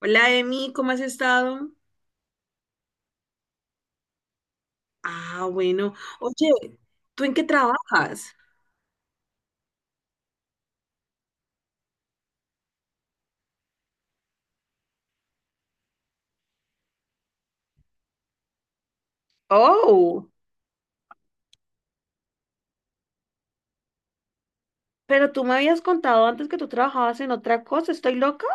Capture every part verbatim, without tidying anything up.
Hola, Emi, ¿cómo has estado? Ah, bueno. Oye, ¿tú en qué trabajas? Oh, pero tú me habías contado antes que tú trabajabas en otra cosa, ¿estoy loca?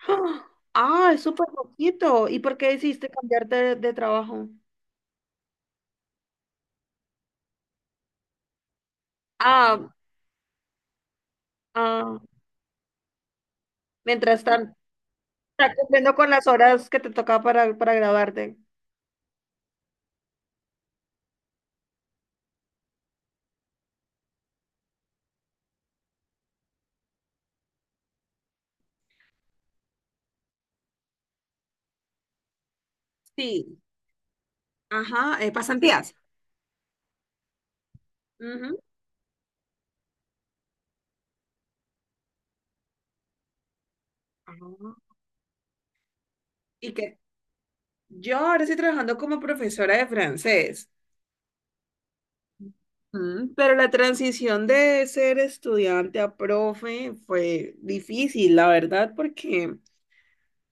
Ah, Ah, es súper poquito. ¿Y por qué decidiste cambiarte de, de trabajo? Ah, ah, mientras tanto, estás cumpliendo con las horas que te toca para, para graduarte. Sí, ajá, eh, pasantías. Ujú. Ah, ¿y qué? Yo ahora estoy trabajando como profesora de francés. Mm, pero la transición de ser estudiante a profe fue difícil, la verdad, porque,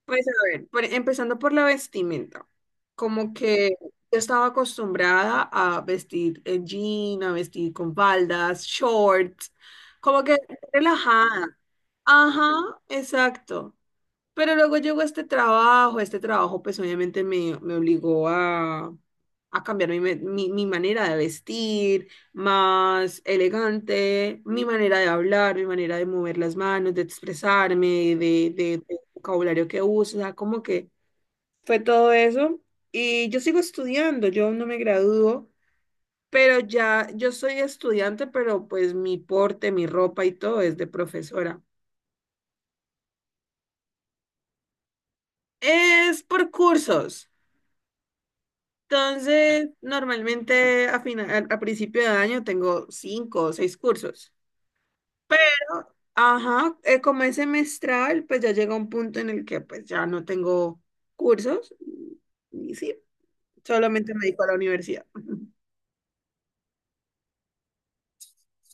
pues a ver, por- empezando por la vestimenta, como que yo estaba acostumbrada a vestir en jean, a vestir con faldas, shorts, como que relajada. Ajá, exacto. Pero luego llegó este trabajo, este trabajo pues obviamente me, me obligó a, a cambiar mi, me- mi- mi manera de vestir, más elegante, mi manera de hablar, mi manera de mover las manos, de expresarme, de, de, de vocabulario que uso, o sea, como que fue todo eso. Y yo sigo estudiando, yo aún no me gradúo, pero ya yo soy estudiante, pero pues mi porte, mi ropa y todo es de profesora. Es por cursos. Entonces, normalmente a final, a principio de año tengo cinco o seis cursos, pero, ajá, eh, como es semestral, pues ya llega un punto en el que pues ya no tengo cursos y y sí, solamente me dedico a la universidad.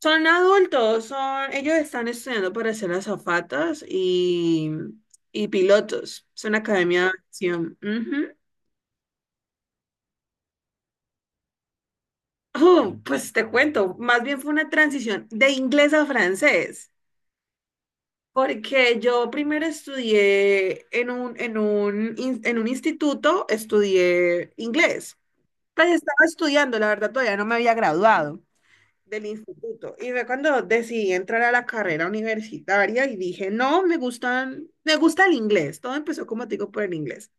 Son adultos, son, ellos están estudiando para ser azafatas y, y pilotos. Es una academia de aviación. Ujú. Oh, pues te cuento, más bien fue una transición de inglés a francés. Porque yo primero estudié en un, en un, in- en un instituto, estudié inglés. Pues estaba estudiando, la verdad todavía no me había graduado del instituto. Y fue cuando decidí entrar a la carrera universitaria y dije, no, me gustan, me gusta el inglés. Todo empezó como te digo por el inglés.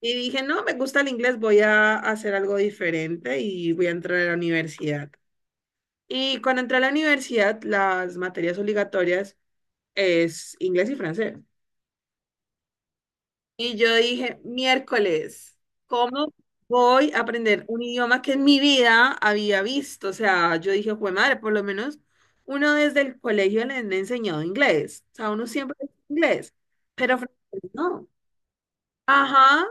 Y dije, no, me gusta el inglés, voy a hacer algo diferente y voy a entrar a la universidad. Y cuando entré a la universidad, las materias obligatorias es inglés y francés. Y yo dije, miércoles, ¿cómo voy a aprender un idioma que en mi vida había visto? O sea, yo dije, jue madre, por lo menos uno desde el colegio le han enseñado inglés. O sea, uno siempre es inglés, pero francés no. Ajá.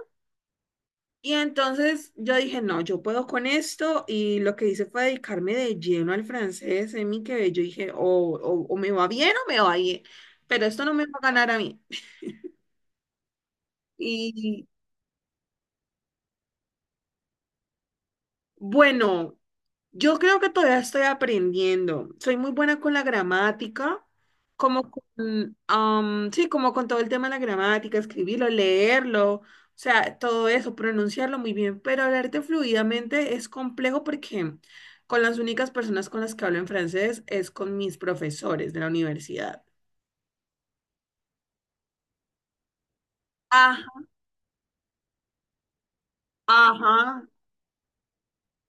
Y entonces yo dije, no, yo puedo con esto. Y lo que hice fue dedicarme de lleno al francés en mi que yo dije, o, o, o me va bien o me va bien, pero esto no me va a ganar a mí. Y bueno. Yo creo que todavía estoy aprendiendo. Soy muy buena con la gramática, como con, am, sí, como con todo el tema de la gramática, escribirlo, leerlo, o sea, todo eso, pronunciarlo muy bien, pero hablarte fluidamente es complejo porque con las únicas personas con las que hablo en francés es con mis profesores de la universidad. Ajá, ajá,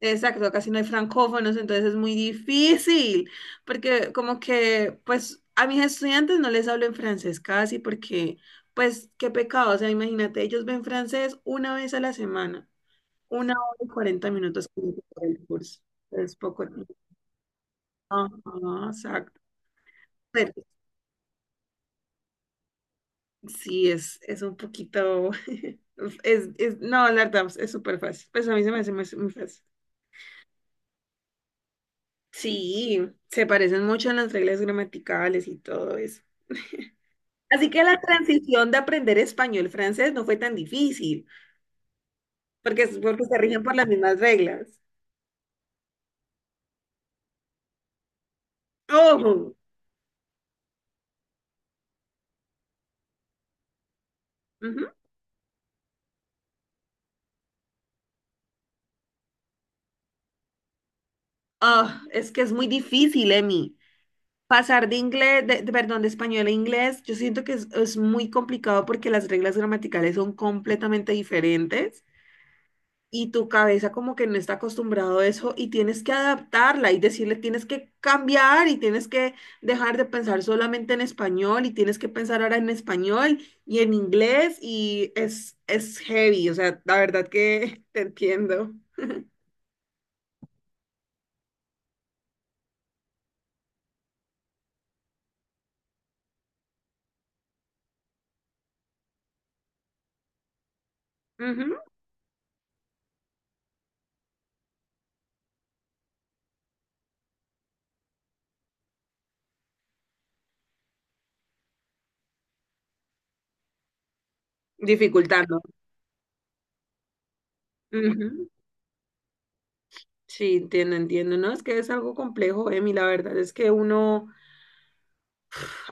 exacto, casi no hay francófonos, entonces es muy difícil, porque como que, pues, a mis estudiantes no les hablo en francés casi, porque, pues, qué pecado, o sea, imagínate, ellos ven francés una vez a la semana, una hora y cuarenta minutos que dura el curso, es poco tiempo. Ajá, exacto. Pero sí, es, es un poquito, es, es, no, la verdad, es súper fácil, pues a mí se me hace muy muy fácil. Sí, se parecen mucho en las reglas gramaticales y todo eso. Así que la transición de aprender español-francés no fue tan difícil, porque, es- porque se rigen por las mismas reglas. ¡Ojo! Ujú. Ah, es que es muy difícil, Emi. Pasar de inglés, de, de- perdón, de español a inglés, yo siento que es, es muy complicado porque las reglas gramaticales son completamente diferentes. Y tu cabeza como que no está acostumbrado a eso y tienes que adaptarla y decirle tienes que cambiar y tienes que dejar de pensar solamente en español y tienes que pensar ahora en español y en inglés y es, es heavy, o sea, la verdad que te entiendo. Ujú, dificultando. Ujú, sí, entiendo, entiendo, ¿no? Es que es algo complejo, Emi, la verdad es que uno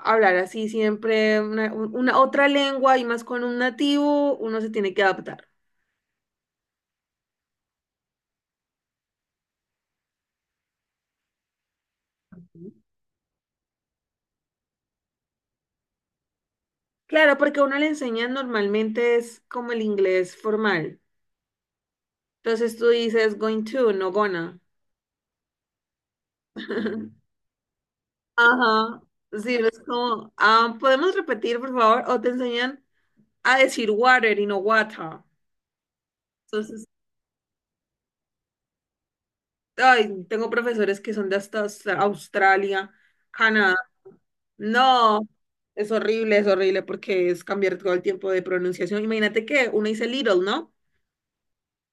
hablar así siempre una, una otra lengua y más con un nativo, uno se tiene que adaptar. Claro, porque a uno le enseña normalmente es como el inglés formal. Entonces tú dices going to, no gonna. Ajá. Sí, es como, ah, ¿podemos repetir, por favor? O te enseñan a decir water y no water. Entonces, ay, tengo profesores que son de hasta Aus- Australia, Canadá. No, es horrible, es horrible porque es cambiar todo el tiempo de pronunciación. Imagínate que uno dice little, ¿no?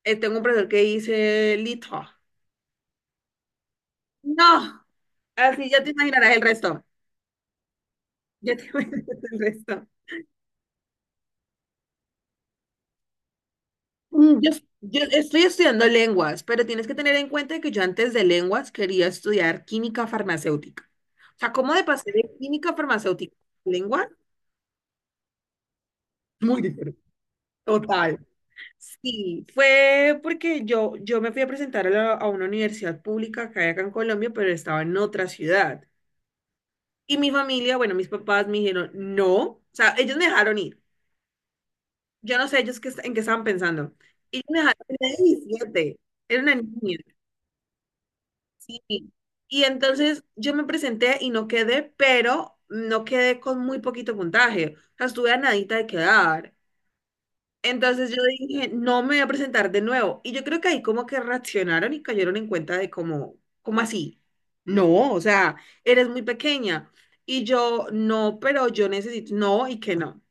Eh, tengo un profesor que dice little. No. Así ya te imaginarás el resto. Ya te imaginarás el resto. Mm, Yo, yo estoy estudiando lenguas, pero tienes que tener en cuenta que yo antes de lenguas quería estudiar química farmacéutica. O sea, ¿cómo de pasar de química farmacéutica a lengua? Muy diferente. Total. Sí, fue porque yo, yo me fui a presentar a, la- a una universidad pública que hay acá en Colombia, pero estaba en otra ciudad. Y mi familia, bueno, mis papás me dijeron, no, o sea, ellos me dejaron ir. Yo no sé ellos qué, est- en qué estaban pensando. Y yo me dejaron, tenía diecisiete, era una niña, sí. Y entonces yo me presenté y no quedé, pero no quedé con muy poquito puntaje. O sea, estuve a nadita de quedar. Entonces yo dije, no me voy a presentar de nuevo. Y yo creo que ahí como que reaccionaron y cayeron en cuenta de cómo, ¿cómo así? No, o sea, eres muy pequeña. Y yo, no, pero yo necesito, no, y que no.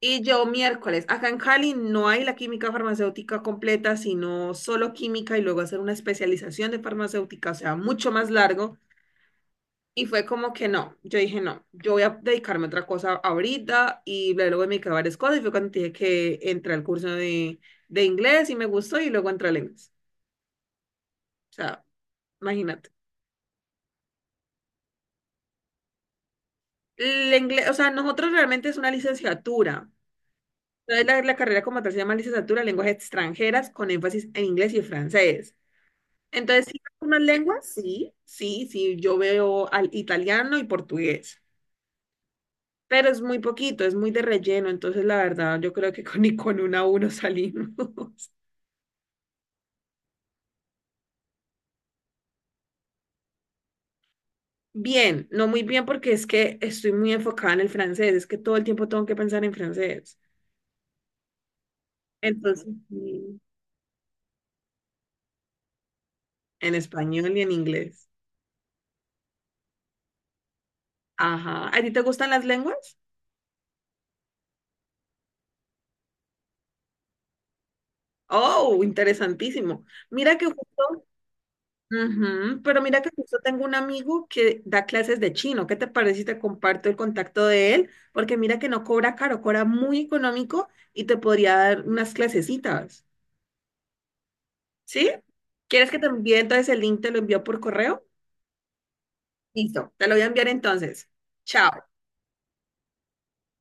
Y yo miércoles, acá en Cali no hay la química farmacéutica completa, sino solo química y luego hacer una especialización de farmacéutica, o sea, mucho más largo. Y fue como que no, yo dije no, yo voy a dedicarme a otra cosa ahorita y bla, luego me dediqué a varias cosas y fue cuando te dije que entré al curso de, de inglés y me gustó y luego entré al inglés. O sea, imagínate. El inglés, o sea, nosotros realmente es una licenciatura. Entonces la, la carrera como tal se llama licenciatura en lenguas extranjeras con énfasis en inglés y francés. Entonces, sí, algunas lenguas, sí, sí, sí, yo veo al italiano y portugués, pero es muy poquito, es muy de relleno, entonces la verdad, yo creo que con, ni con una a uno salimos. Bien, no muy bien porque es que estoy muy enfocada en el francés, es que todo el tiempo tengo que pensar en francés. Entonces, sí, en español y en inglés. Ajá. ¿A ti te gustan las lenguas? Oh, interesantísimo. Mira que justo Ujú, pero mira que justo tengo un amigo que da clases de chino. ¿Qué te parece si te comparto el contacto de él? Porque mira que no cobra caro, cobra muy económico y te podría dar unas clasecitas. ¿Sí? ¿Quieres que te envíe entonces el link? Te lo envío por correo. Listo, te lo voy a enviar entonces. Chao.